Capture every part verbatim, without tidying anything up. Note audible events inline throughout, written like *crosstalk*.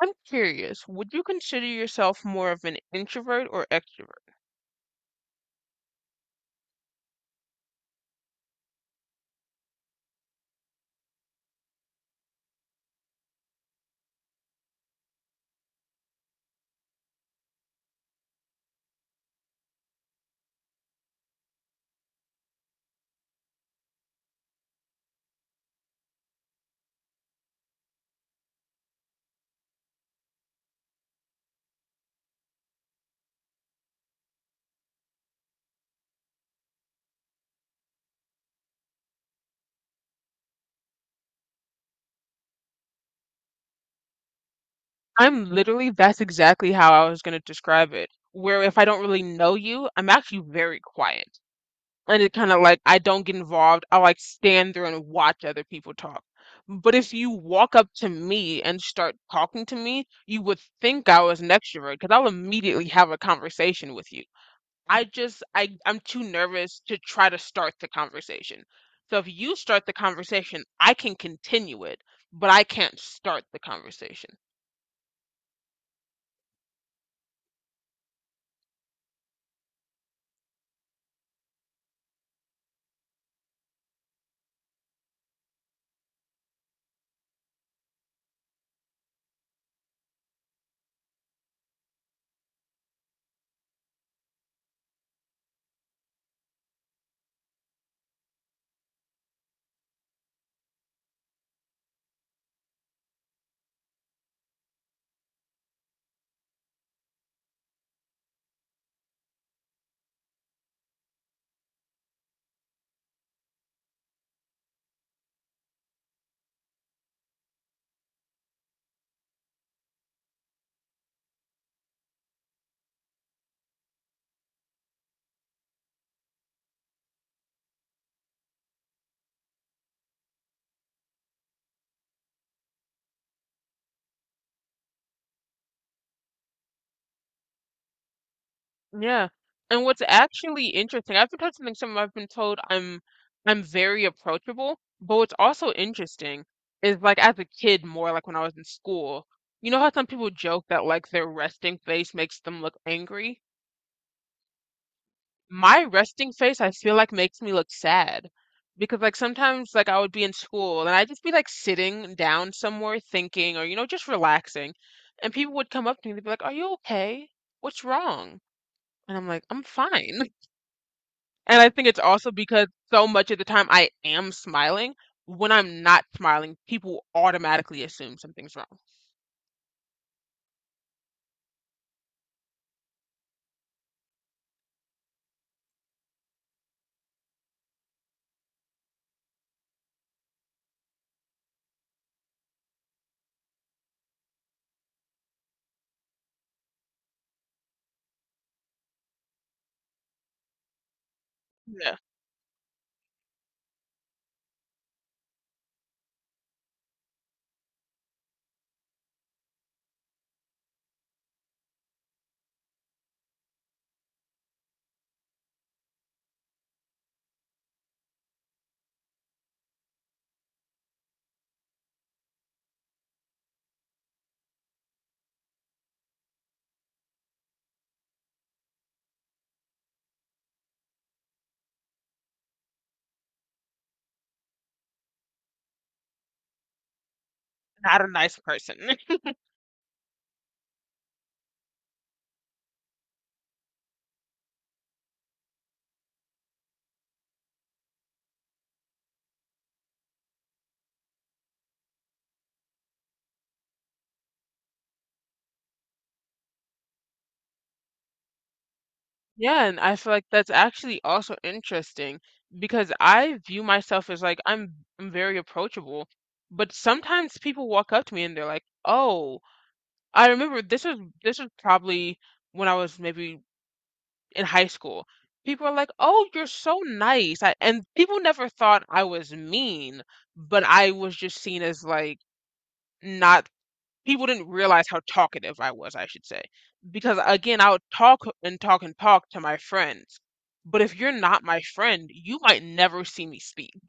I'm curious, would you consider yourself more of an introvert or extrovert? I'm literally, that's exactly how I was going to describe it. Where if I don't really know you, I'm actually very quiet. And it kind of like, I don't get involved. I like stand there and watch other people talk. But if you walk up to me and start talking to me, you would think I was an extrovert because I'll immediately have a conversation with you. I just I I'm too nervous to try to start the conversation. So if you start the conversation, I can continue it, but I can't start the conversation. Yeah. And what's actually interesting, I've been told something some I've been told I'm I'm very approachable, but what's also interesting is like as a kid more like when I was in school, you know how some people joke that like their resting face makes them look angry? My resting face I feel like makes me look sad because like sometimes like I would be in school and I'd just be like sitting down somewhere thinking or you know just relaxing and people would come up to me and they'd be like, "Are you okay? What's wrong?" And I'm like, "I'm fine." *laughs* And I think it's also because so much of the time I am smiling. When I'm not smiling, people automatically assume something's wrong. Yeah, not a nice person. *laughs* Yeah, and I feel like that's actually also interesting because I view myself as like I'm I'm very approachable, but sometimes people walk up to me and they're like, "Oh, I remember this was this was probably when I was maybe in high school." People are like, "Oh, you're so nice." I, and people never thought I was mean, but I was just seen as like not people didn't realize how talkative I was, I should say. Because again, I would talk and talk and talk to my friends. But if you're not my friend, you might never see me speak.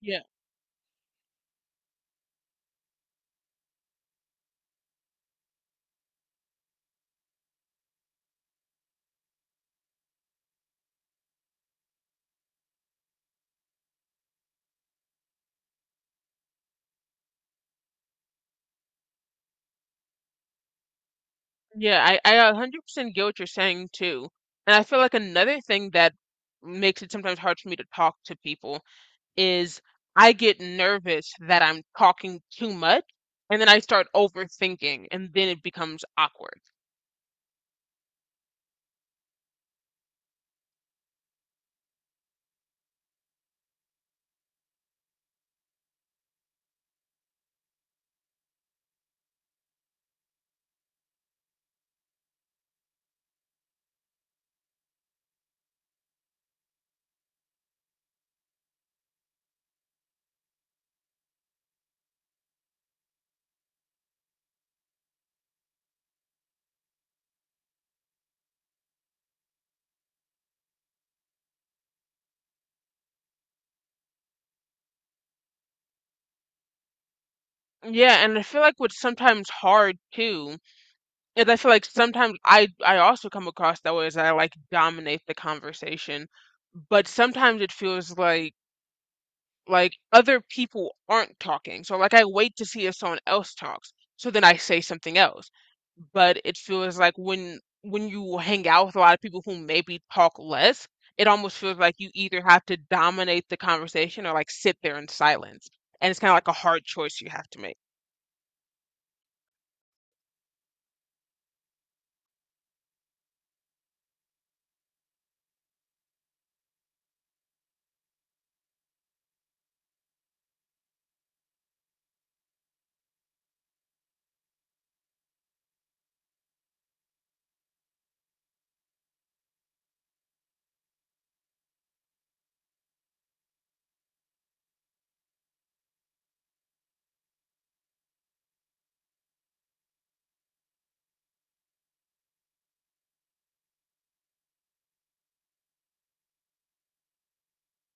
Yeah. Yeah, I, I one hundred percent get what you're saying too. And I feel like another thing that makes it sometimes hard for me to talk to people is I get nervous that I'm talking too much and then I start overthinking and then it becomes awkward. Yeah, and I feel like what's sometimes hard too And I feel like sometimes I I also come across that way as I like dominate the conversation, but sometimes it feels like like other people aren't talking. So like I wait to see if someone else talks, so then I say something else. But it feels like when when you hang out with a lot of people who maybe talk less, it almost feels like you either have to dominate the conversation or like sit there in silence. And it's kind of like a hard choice you have to make.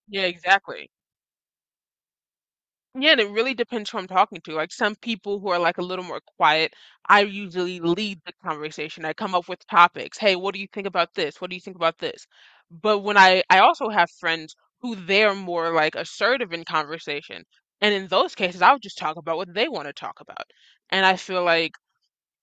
Yeah, exactly. Yeah, and it really depends who I'm talking to. Like some people who are like a little more quiet, I usually lead the conversation. I come up with topics. Hey, what do you think about this? What do you think about this? But when I I also have friends who they're more like assertive in conversation. And in those cases, I'll just talk about what they want to talk about. And I feel like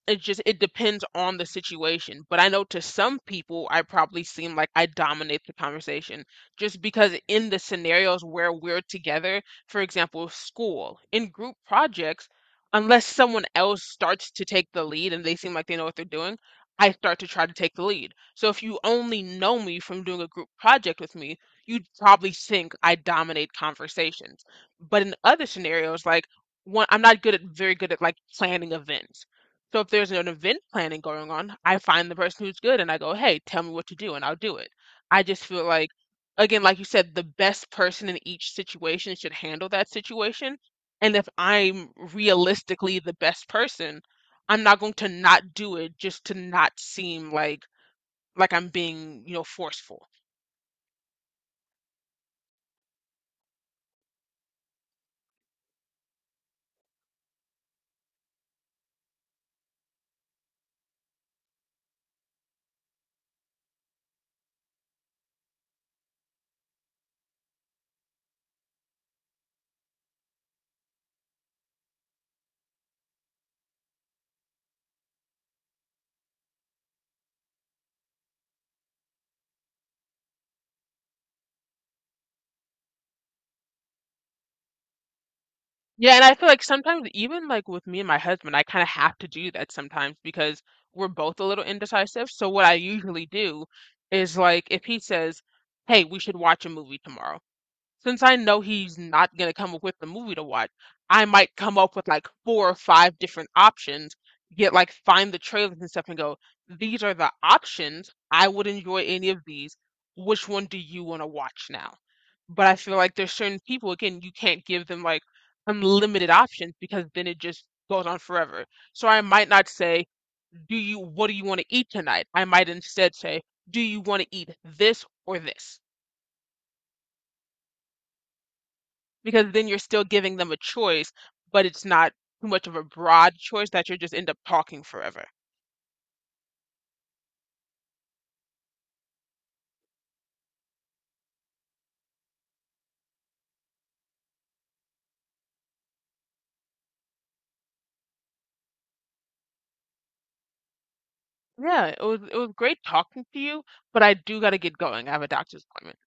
it just it depends on the situation, but I know to some people, I probably seem like I dominate the conversation just because in the scenarios where we're together, for example, school, in group projects, unless someone else starts to take the lead and they seem like they know what they're doing, I start to try to take the lead. So if you only know me from doing a group project with me, you'd probably think I dominate conversations. But in other scenarios, like one, I'm not good at very good at like planning events. So if there's an event planning going on, I find the person who's good and I go, "Hey, tell me what to do," and I'll do it. I just feel like, again, like you said, the best person in each situation should handle that situation. And if I'm realistically the best person, I'm not going to not do it just to not seem like like I'm being, you know, forceful. Yeah, and I feel like sometimes even like with me and my husband, I kind of have to do that sometimes because we're both a little indecisive. So what I usually do is like if he says, "Hey, we should watch a movie tomorrow." Since I know he's not gonna come up with the movie to watch, I might come up with like four or five different options, get like find the trailers and stuff and go, these are the options. I would enjoy any of these. Which one do you want to watch now? But I feel like there's certain people, again, you can't give them like unlimited options because then it just goes on forever. So I might not say, do you, what do you want to eat tonight? I might instead say, do you want to eat this or this? Because then you're still giving them a choice, but it's not too much of a broad choice that you just end up talking forever. Yeah, it was it was great talking to you, but I do gotta get going. I have a doctor's appointment.